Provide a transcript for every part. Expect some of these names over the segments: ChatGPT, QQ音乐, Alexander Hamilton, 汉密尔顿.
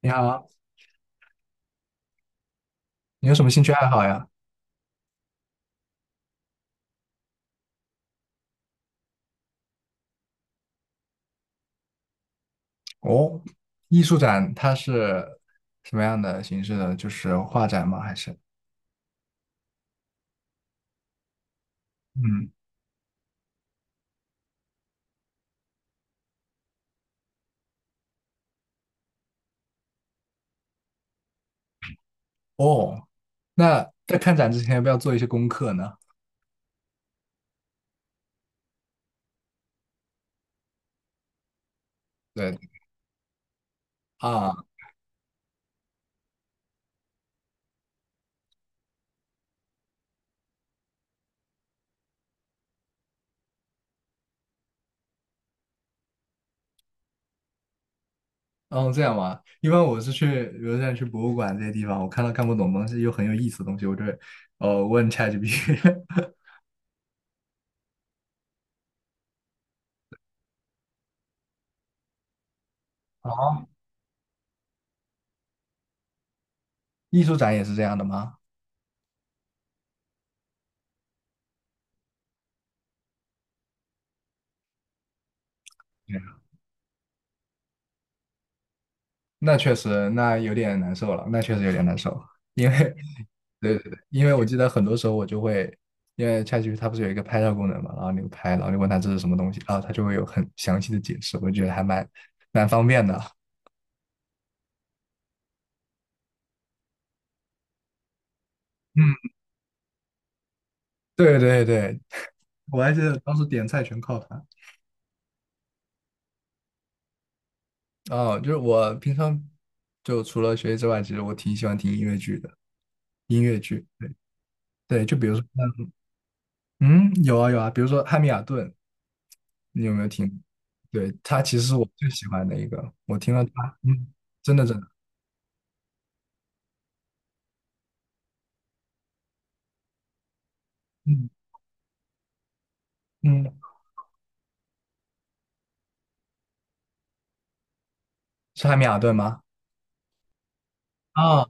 你好，你有什么兴趣爱好呀？哦，艺术展它是什么样的形式的？就是画展吗？还是？嗯，哦，那在看展之前要不要做一些功课呢？对啊，哦，这样吗？一般我是去，比如像去博物馆这些地方，我看到看不懂的东西又很有意思的东西，我就会问 ChatGPT。哦，艺术展也是这样的吗？对，那确实，那有点难受了，那确实有点难受。因为。对对对，因为我记得很多时候我就会，因为 c h a t 它不是有一个拍照功能嘛，然后你拍，然后你问它这是什么东西，然后它就会有很详细的解释，我就觉得还蛮方便的。嗯，对对对，我还记得当时点菜全靠它。哦，就是我平常就除了学习之外，其实我挺喜欢听音乐剧的，音乐剧。对对，就比如说，嗯，有啊有啊，比如说《汉密尔顿》，你有没有听？对，他其实是我最喜欢的一个，我听了他，嗯，真的真的，嗯嗯，是汉密尔顿吗？啊，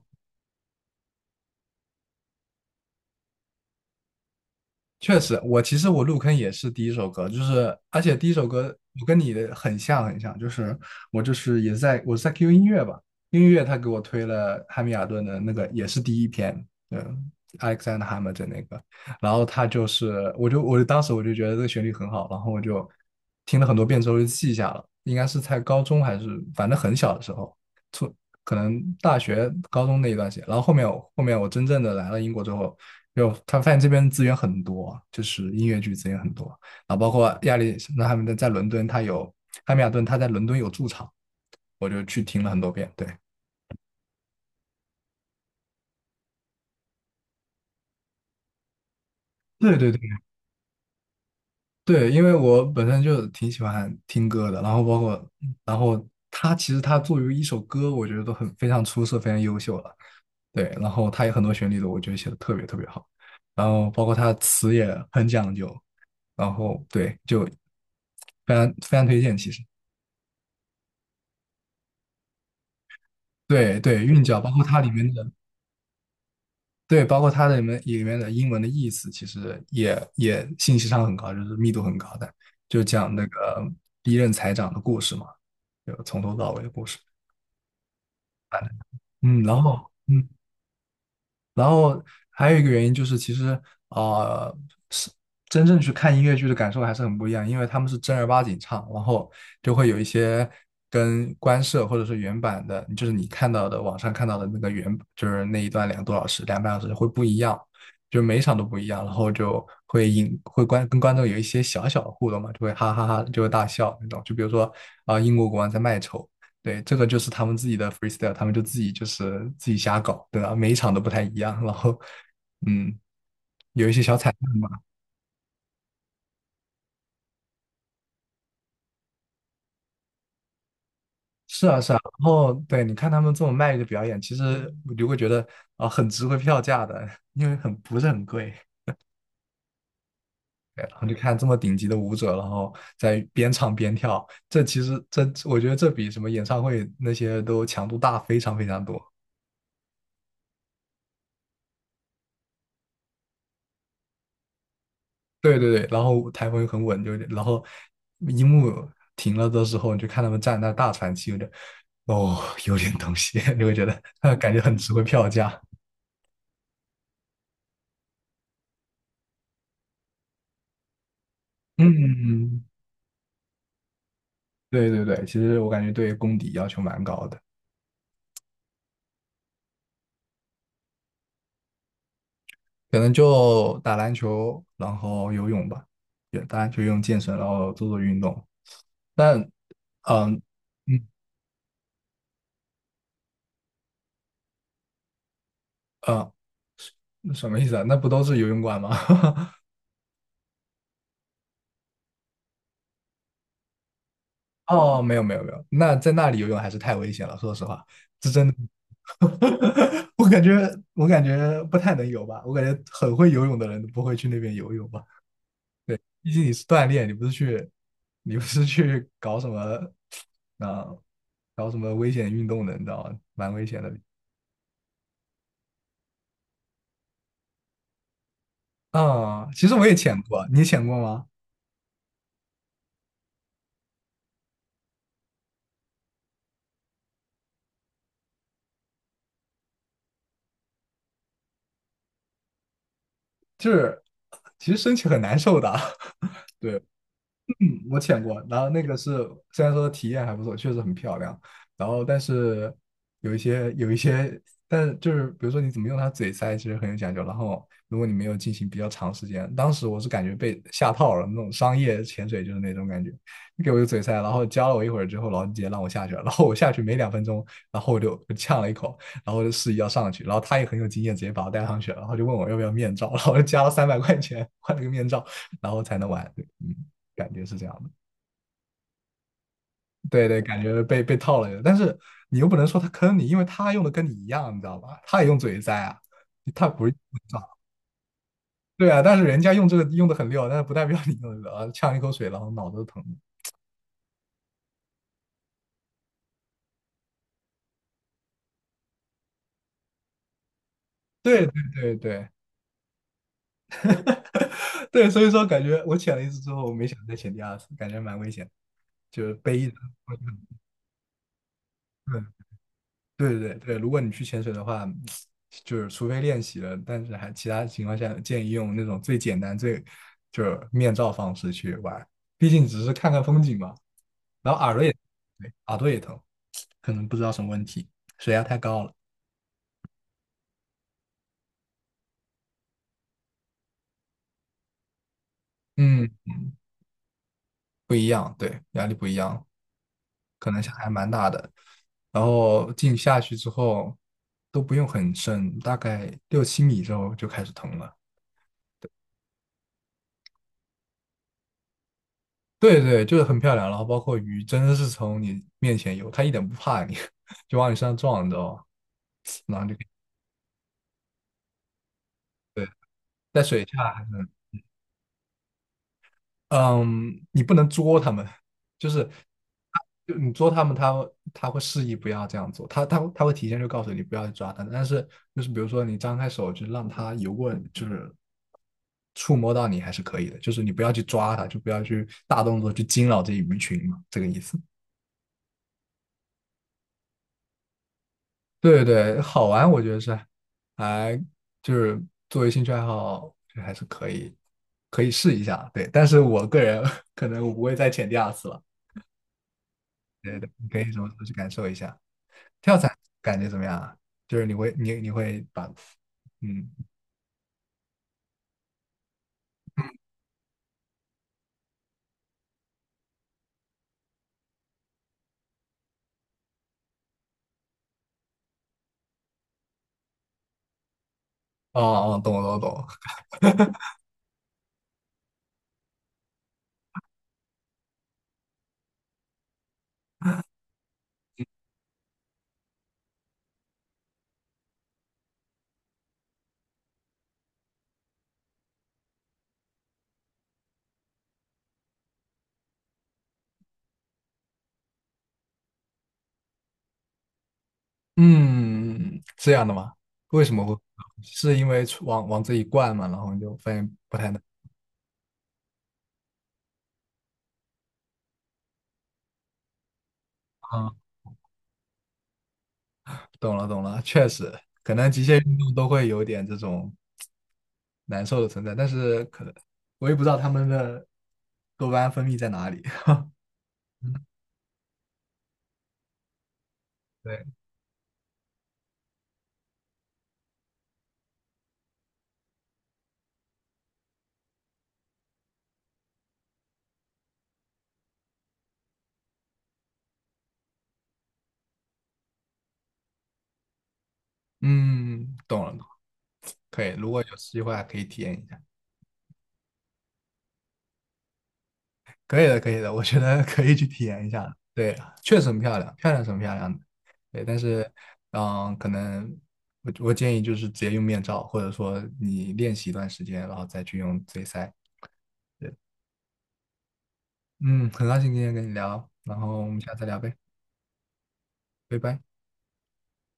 确实，我其实我入坑也是第一首歌，就是而且第一首歌我跟你的很像很像，就是我就是也是我是在 QQ 音乐吧，音乐他给我推了汉密尔顿的那个也是第一篇，嗯，Alexander Hamilton 那个，然后他就是我就当时我就觉得这个旋律很好，然后我就听了很多遍之后就记下了，应该是在高中还是反正很小的时候，从可能大学、高中那一段时间，然后后面我真正的来了英国之后，就他发现这边资源很多，就是音乐剧资源很多，然后包括亚历那他们在伦敦，他有汉密尔顿，他在伦敦有驻场，我就去听了很多遍，对。对对对对，因为我本身就挺喜欢听歌的，然后包括，然后他其实他作为一首歌，我觉得都很非常出色，非常优秀了。对，然后他有很多旋律的，我觉得写的特别特别好，然后包括他词也很讲究，然后对，就非常非常推荐，其实对对，韵脚包括它里面的对，包括它里面的英文的意思，其实也信息上很高，就是密度很高的，就讲那个第一任财长的故事嘛，就从头到尾的故事。嗯，然后嗯。然后还有一个原因就是，其实啊，是真正去看音乐剧的感受还是很不一样，因为他们是正儿八经唱，然后就会有一些跟官摄或者是原版的，就是你看到的网上看到的那个原，就是那一段2个多小时、2个半小时会不一样，就每一场都不一样，然后就会引会观跟观众有一些小小的互动嘛，就会哈哈哈，就会大笑那种。就比如说英国国王在卖丑，对，这个就是他们自己的 freestyle，他们就自己就是自己瞎搞，对吧？每一场都不太一样，然后，嗯，然后对，你看他们这么卖力的表演，其实我就会觉得很值回票价的，因为很不是很贵。对，然后就看这么顶级的舞者，然后在边唱边跳，这其实这我觉得这比什么演唱会那些都强度大非常非常多。对对对，然后台风又很稳，就然后一幕停了的时候，你就看他们站在那大喘气，有点哦，有点东西，你会觉得，感觉很值回票价。嗯，对对对，其实我感觉对功底要求蛮高的，可能就打篮球，然后游泳吧，也打篮球、用健身，然后做做运动。但，嗯嗯呃，什么意思啊？那不都是游泳馆吗？哦，没有没有没有，那在那里游泳还是太危险了，说实话，这真的。我感觉，我感觉不太能游吧。我感觉很会游泳的人都不会去那边游泳吧。毕竟你是锻炼，你不是去，你不是去搞什么啊、搞什么危险运动的，你知道吗？蛮危险的其实我也潜过啊，你潜过吗？就是其实身体很难受的，嗯我潜过，然后那个是虽然说体验还不错，确实很漂亮，然后但是有一些，但是就是比如说你怎么用它嘴塞，其实很有讲究。然后如果你没有进行比较长时间，当时我是感觉被下套了，那种商业潜水就是那种感觉，你给我一个嘴塞，然后教了我一会儿之后，然后你直接让我下去了，然后我下去没2分钟，然后我就呛了一口，然后我就示意要上去，然后他也很有经验，直接把我带上去了，然后就问我要不要面罩，然后我就加了300块钱换了个面罩，然后才能玩。对嗯。感觉是这样的。对对，感觉被套了，但是你又不能说他坑你，因为他用的跟你一样，你知道吧？他也用嘴栽啊，他不是。对啊，但是人家用这个用的很溜，但是不代表你用的啊，呛一口水，然后脑子都疼。对对对对 对，所以说感觉我潜了一次之后，我没想再潜第二次，感觉蛮危险的就是背一直。对对对，如果你去潜水的话，就是除非练习了，但是还其他情况下建议用那种最简单、最就是面罩方式去玩，毕竟只是看看风景嘛。然后耳朵也，对，耳朵也疼，可能不知道什么问题，水压太高了。嗯，不一样，对，压力不一样，可能还蛮大的。然后进下去之后都不用很深，大概6、7米之后就开始疼了。对对，就是很漂亮，然后包括鱼真的是从你面前游，它一点不怕你，就往你身上撞，你知道吗？然后就对，在水下，嗯，你不能捉它们，就是就你捉它们，它会示意不要这样做，它会提前就告诉你不要去抓它，但是就是比如说你张开手就让它游过，就是触摸到你还是可以的，就是你不要去抓它，就不要去大动作去惊扰这一鱼群嘛，这个意思。对对，好玩，我觉得是还就是作为兴趣爱好，这还是可以试一下。对，但是我个人 可能我不会再潜第二次了。对对，你可以什么时候去感受一下。跳伞感觉怎么样啊？就是你会你会把嗯哦哦，懂了懂了懂了，嗯，这样的吗？为什么会？是因为出往往这一灌嘛，然后你就发现，啊，懂了懂了，确实，可能极限运动都会有点这种。难受的存在，但是可能我也不知道他们的多巴胺分泌在哪里。对，嗯，懂了，懂了可以。如果有机会还可以体验一下，可以的，可以的，我觉得可以去体验一下的对，确实很漂亮，漂亮是很漂亮的。对，但是，嗯，可能我建议就是直接用面罩，或者说你练习一段时间，然后再去用嘴塞。对，嗯，很高兴今天跟你聊，然后我们下次再聊呗，拜拜。